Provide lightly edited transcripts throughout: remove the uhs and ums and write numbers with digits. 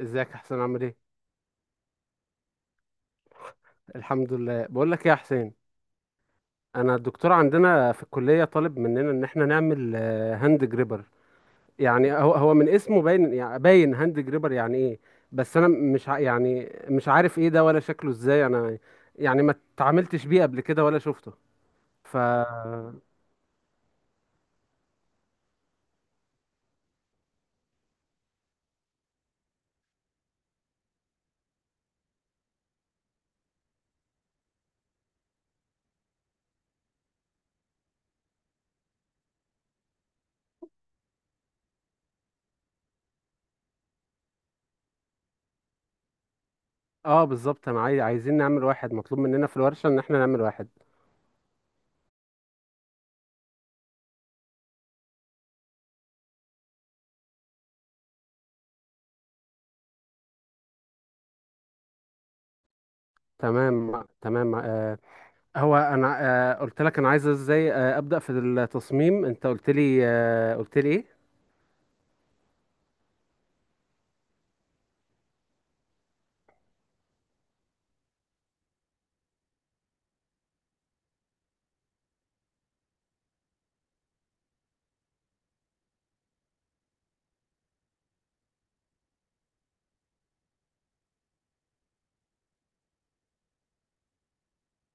ازيك يا حسين عامل ايه؟ الحمد لله. بقول لك ايه يا حسين؟ انا الدكتور عندنا في الكليه طالب مننا ان احنا نعمل هاند جريبر. يعني هو من اسمه باين، يعني باين هاند جريبر يعني ايه. بس انا. مش ع- يعني مش عارف ايه ده ولا شكله ازاي انا. يعني ما اتعاملتش بيه قبل كده ولا شفته. ف اه، بالظبط. انا عايزين نعمل واحد. مطلوب مننا في الورشه ان احنا نعمل واحد. تمام تمام. هو انا قلت لك انا عايز ازاي ابدا في التصميم. انت قلت لي ايه؟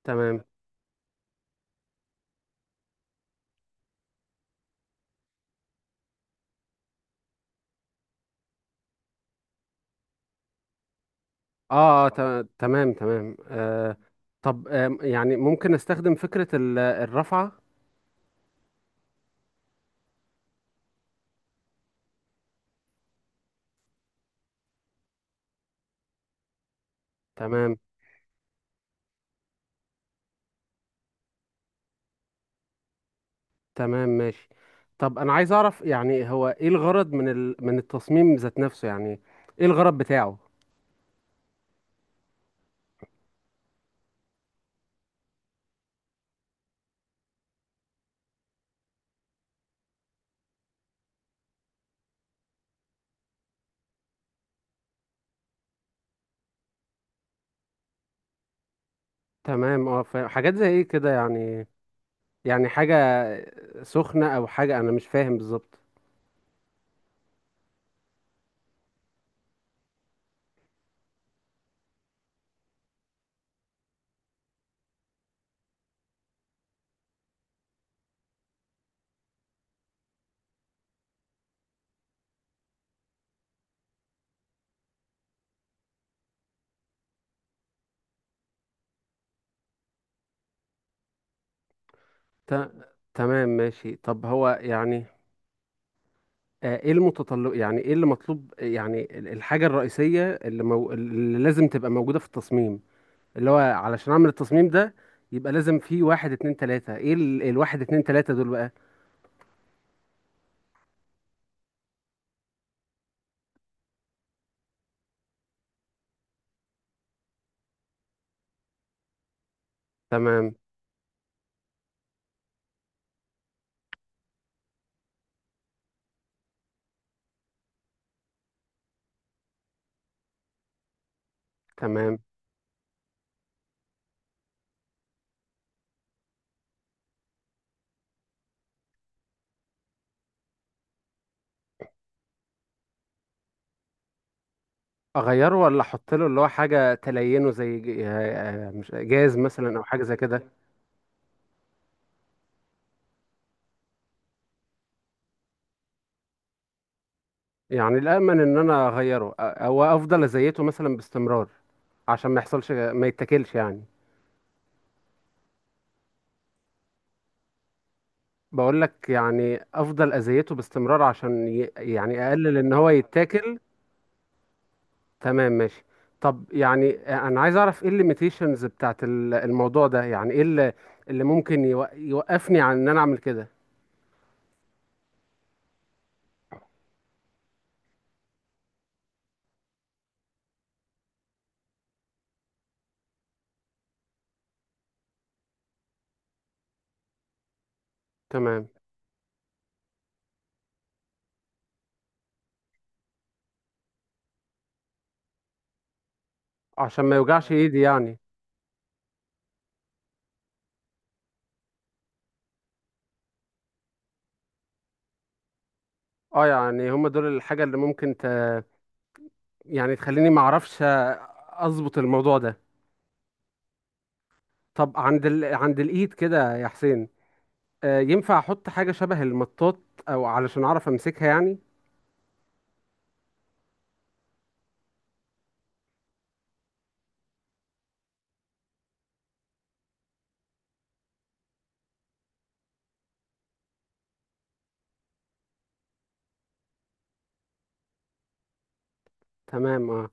تمام، اه، تمام تمام. طب، يعني ممكن استخدم فكرة الرفعة. تمام تمام، ماشي. طب انا عايز اعرف، يعني هو ايه الغرض من من التصميم ذات نفسه، يعني ايه الغرض بتاعه؟ تمام، اه، فاهم. حاجات زي ايه كده يعني؟ يعني حاجة سخنة او حاجة، انا مش فاهم بالظبط. ت... تمام، ماشي. طب هو يعني، ايه المتطلب؟ يعني ايه اللي مطلوب؟ يعني الحاجة الرئيسية اللي لازم تبقى موجودة في التصميم، اللي هو علشان اعمل التصميم ده يبقى لازم فيه واحد اتنين تلاتة. ايه الواحد اتنين تلاتة دول بقى؟ تمام تمام. اغيره ولا احط له اللي هو حاجة تلينه، زي مش جاز مثلا او حاجة زي كده؟ يعني الامن ان انا اغيره او افضل ازيته مثلا باستمرار، عشان ما يحصلش ما يتاكلش يعني. بقول لك، يعني افضل اذيته باستمرار عشان يعني اقلل ان هو يتاكل. تمام، ماشي. طب يعني انا عايز اعرف ايه الليميتيشنز بتاعت الموضوع ده؟ يعني ايه اللي ممكن يوقفني عن ان انا اعمل كده؟ تمام، عشان ما يوجعش ايدي يعني. اه، يعني هم دول الحاجة اللي ممكن يعني تخليني ما اعرفش اظبط الموضوع ده. طب عند عند الايد كده يا حسين، ينفع احط حاجة شبه المطاط او علشان اعرف امسكها يعني؟ تمام، اه.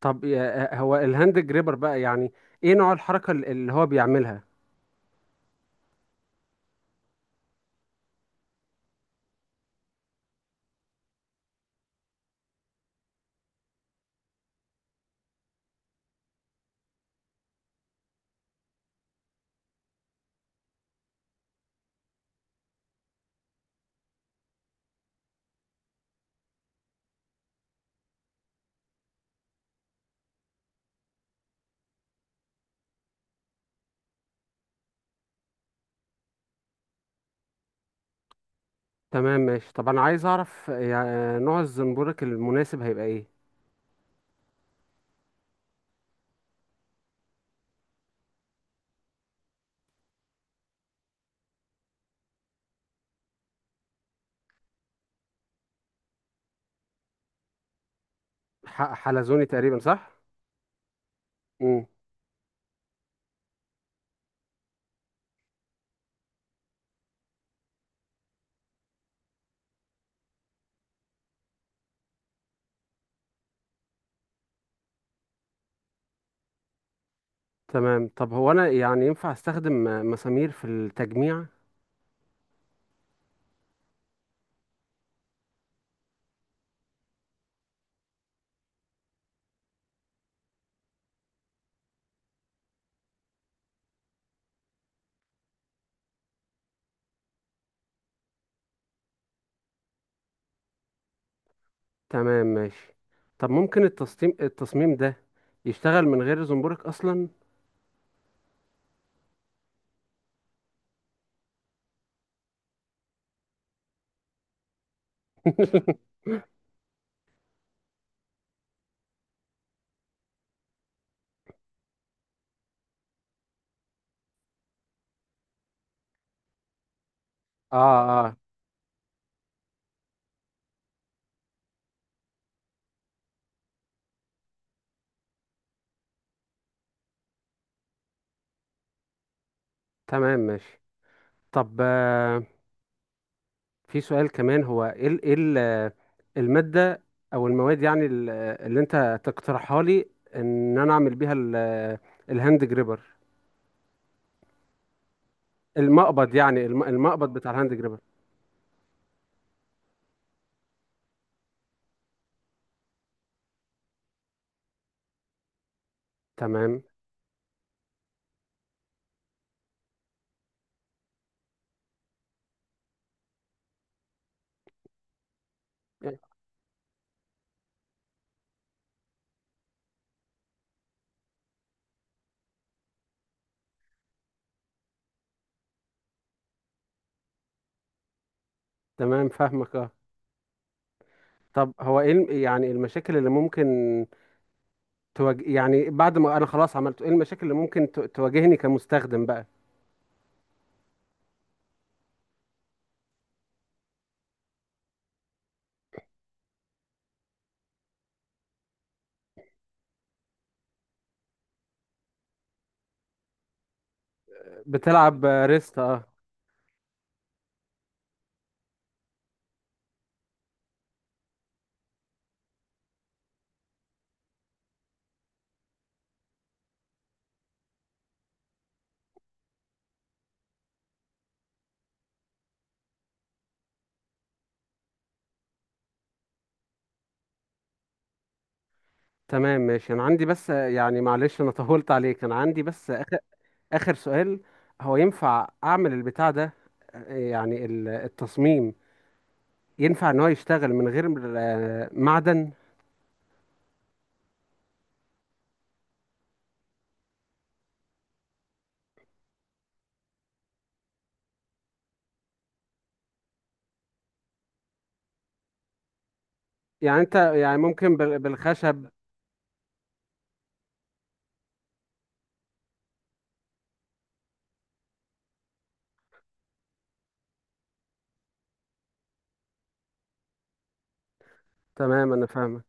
طب هو الهاند جريبر بقى يعني ايه نوع الحركة اللي هو بيعملها؟ تمام، ماشي. طب انا عايز اعرف يعني نوع الزنبورك المناسب هيبقى ايه؟ حلزوني تقريبا، صح؟ امم. تمام. طب هو انا يعني ينفع استخدم مسامير في التجميع؟ تمام، ماشي. طب ممكن التصميم ده يشتغل من غير زنبورك اصلا؟ اه اه. تمام، ماشي. طب في سؤال كمان. هو ايه المادة او المواد، يعني اللي انت تقترحها لي ان انا اعمل بيها الهاند جريبر، المقبض يعني المقبض بتاع الهاند جريبر؟ تمام تمام، فاهمك اه. طب هو ايه يعني المشاكل اللي ممكن تواجه يعني بعد ما انا خلاص عملته؟ ايه المشاكل اللي ممكن تواجهني كمستخدم بقى؟ بتلعب ريست، اه. تمام، ماشي. انا عندي بس، يعني معلش انا طولت عليك. انا عندي بس آخر سؤال. هو ينفع أعمل البتاع ده، يعني التصميم، ينفع إن هو يشتغل من غير معدن؟ يعني أنت يعني ممكن بالخشب؟ تمام، أنا فاهمة.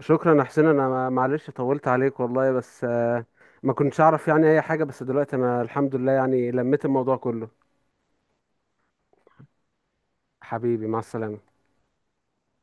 شكرا يا حسين. أنا معلش طولت عليك والله، بس ما كنتش أعرف يعني أي حاجة، بس دلوقتي أنا الحمد لله يعني لميت الموضوع كله. حبيبي، مع السلامة.